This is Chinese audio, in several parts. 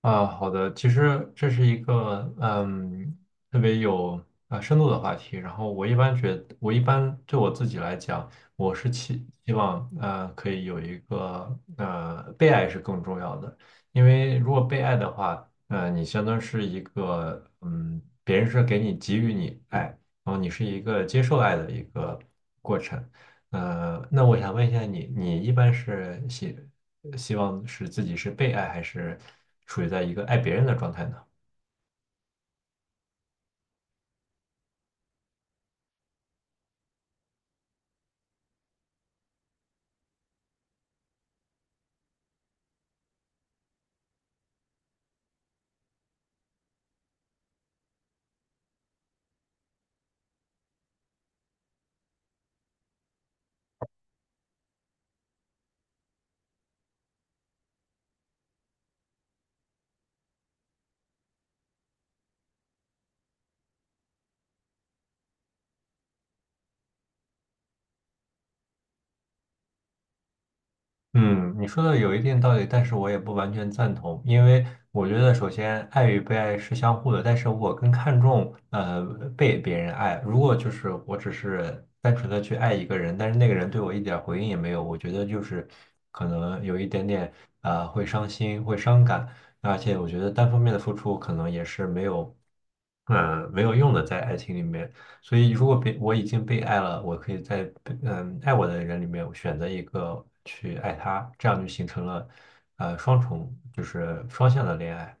啊，好的，其实这是一个特别有深度的话题。然后我一般对我自己来讲，我是期希望可以有一个被爱是更重要的，因为如果被爱的话，你相当是一个别人是给予你爱，然后你是一个接受爱的一个过程。那我想问一下你，你一般是写？希望是自己是被爱，还是处于在一个爱别人的状态呢？嗯，你说的有一定道理，但是我也不完全赞同，因为我觉得首先爱与被爱是相互的，但是我更看重被别人爱。如果就是我只是单纯的去爱一个人，但是那个人对我一点儿回应也没有，我觉得就是可能有一点点会伤心，会伤感，而且我觉得单方面的付出可能也是没有嗯、没有用的，在爱情里面。所以，如果被我已经被爱了，我可以在被爱我的人里面我选择一个去爱他，这样就形成了双重，就是双向的恋爱。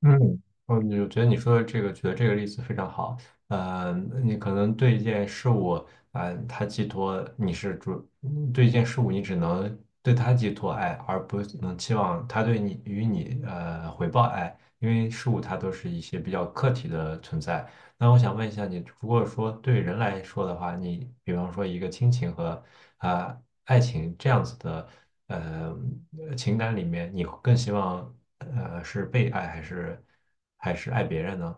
嗯，我就觉得你说的这个，举的这个例子非常好。呃，你可能对一件事物，啊，它寄托你是主，嗯对一件事物你只能对它寄托爱，而不能期望他对你与你回报爱，因为事物它都是一些比较客体的存在。那我想问一下你，如果说对人来说的话，你比方说一个亲情和爱情这样子的呃情感里面，你更希望是被爱还是还是爱别人呢？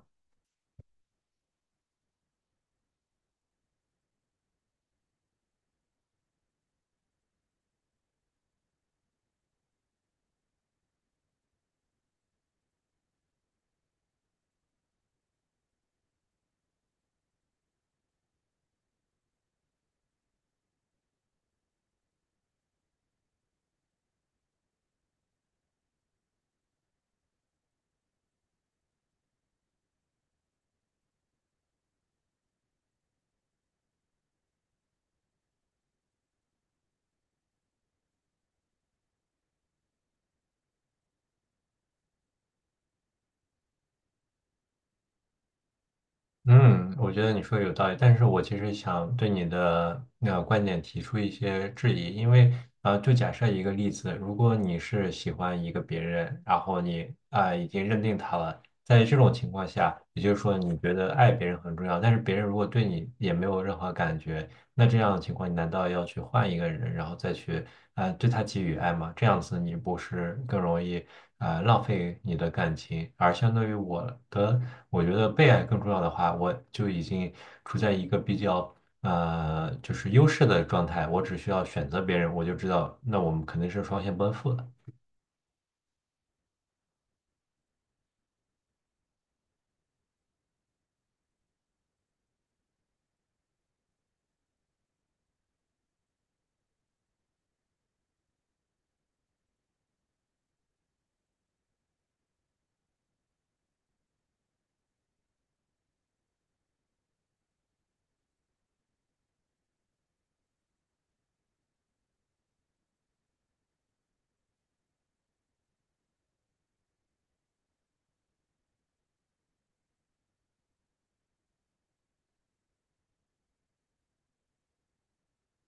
嗯，我觉得你说的有道理，但是我其实想对你的那个观点提出一些质疑，因为啊，就假设一个例子，如果你是喜欢一个别人，然后你已经认定他了，在这种情况下，也就是说你觉得爱别人很重要，但是别人如果对你也没有任何感觉，那这样的情况，你难道要去换一个人，然后再去对他给予爱吗？这样子你不是更容易浪费你的感情？而相对于我的，我觉得被爱更重要的话，我就已经处在一个比较就是优势的状态，我只需要选择别人，我就知道那我们肯定是双向奔赴的。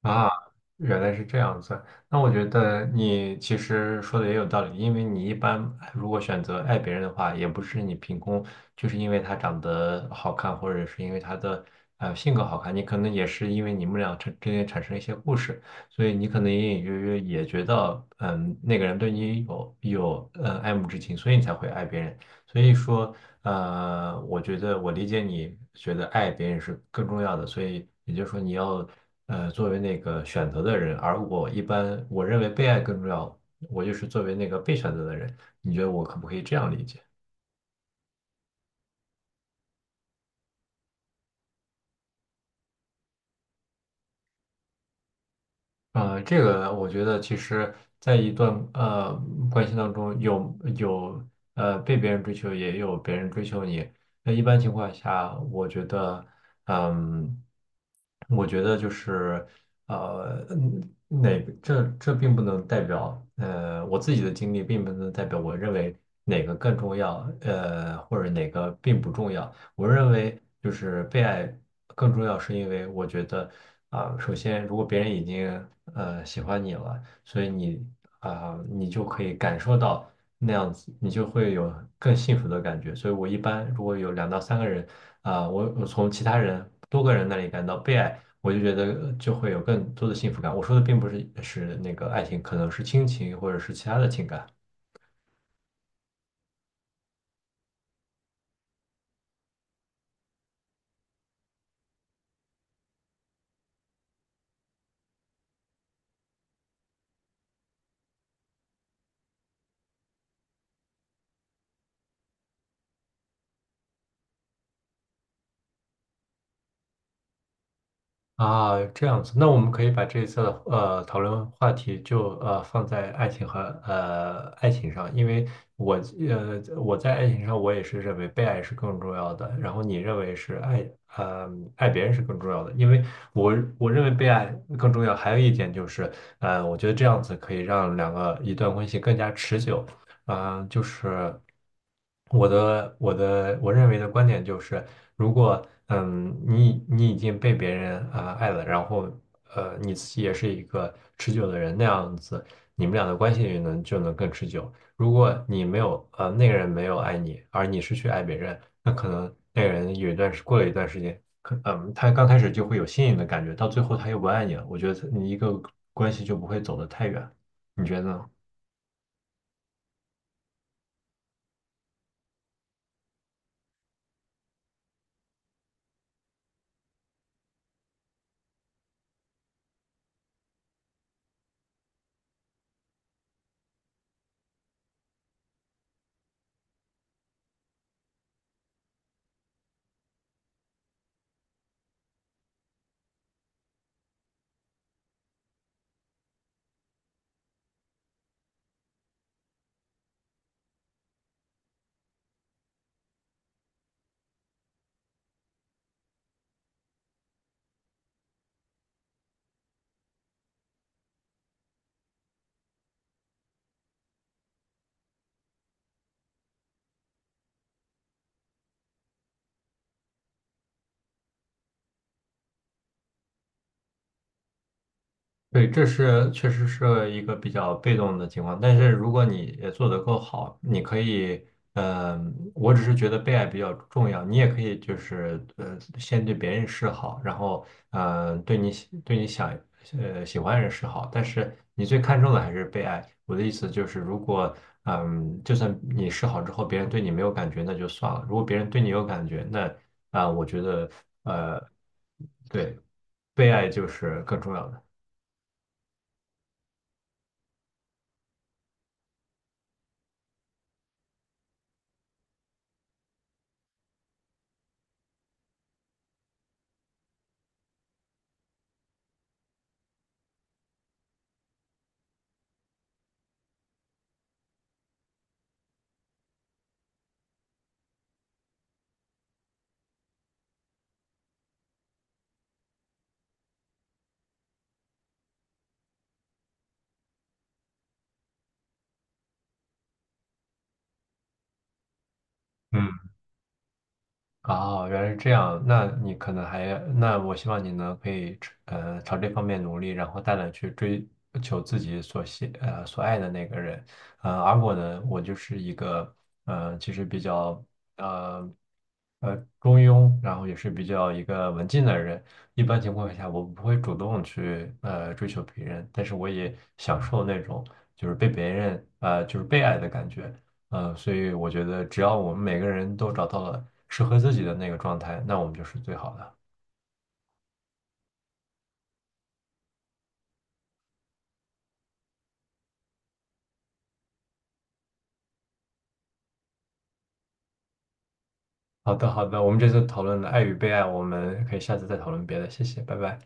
啊，原来是这样子。那我觉得你其实说的也有道理，因为你一般如果选择爱别人的话，也不是你凭空，就是因为他长得好看，或者是因为他的性格好看，你可能也是因为你们俩之间产生一些故事，所以你可能隐隐约约也觉得，嗯，那个人对你有爱慕之情，所以你才会爱别人。所以说，我觉得我理解你觉得爱别人是更重要的，所以也就是说你要作为那个选择的人，而我一般我认为被爱更重要，我就是作为那个被选择的人，你觉得我可不可以这样理解？这个我觉得其实，在一段关系当中有被别人追求，也有别人追求你。那一般情况下，我觉得，嗯，我觉得就是呃，嗯哪个这并不能代表我自己的经历，并不能代表我认为哪个更重要，呃，或者哪个并不重要。我认为就是被爱更重要，是因为我觉得首先如果别人已经喜欢你了，所以你你就可以感受到那样子，你就会有更幸福的感觉。所以我一般如果有两到三个人我从其他人多个人那里感到被爱。我就觉得就会有更多的幸福感。我说的并不是是那个爱情，可能是亲情或者是其他的情感。啊，这样子，那我们可以把这一次的讨论话题就放在爱情和爱情上，因为我我在爱情上我也是认为被爱是更重要的，然后你认为是呃爱别人是更重要的，因为我认为被爱更重要，还有一点就是我觉得这样子可以让两个一段关系更加持久，就是我的我认为的观点就是。如果嗯，你已经被别人爱了，然后你自己也是一个持久的人，那样子你们俩的关系也就能更持久。如果你没有那个人没有爱你，而你是去爱别人，那可能那个人有一段时过了一段时间，他刚开始就会有吸引的感觉，到最后他又不爱你了。我觉得你一个关系就不会走得太远，你觉得呢？对，这是确实是一个比较被动的情况，但是如果你也做得够好，你可以，我只是觉得被爱比较重要，你也可以就是先对别人示好，然后对对你想喜欢的人示好，但是你最看重的还是被爱。我的意思就是，如果就算你示好之后，别人对你没有感觉，那就算了；如果别人对你有感觉，那我觉得呃，对，被爱就是更重要的。嗯。啊哦，原来是这样。那你可能还，那我希望你呢，可以朝这方面努力，然后大胆去追求自己呃所爱的那个人。而我呢，我就是一个其实比较呃呃中庸，然后也是比较一个文静的人。一般情况下，我不会主动去追求别人，但是我也享受那种就是被别人呃就是被爱的感觉。所以我觉得只要我们每个人都找到了适合自己的那个状态，那我们就是最好的。好的，好的，我们这次讨论了爱与被爱，我们可以下次再讨论别的，谢谢，拜拜。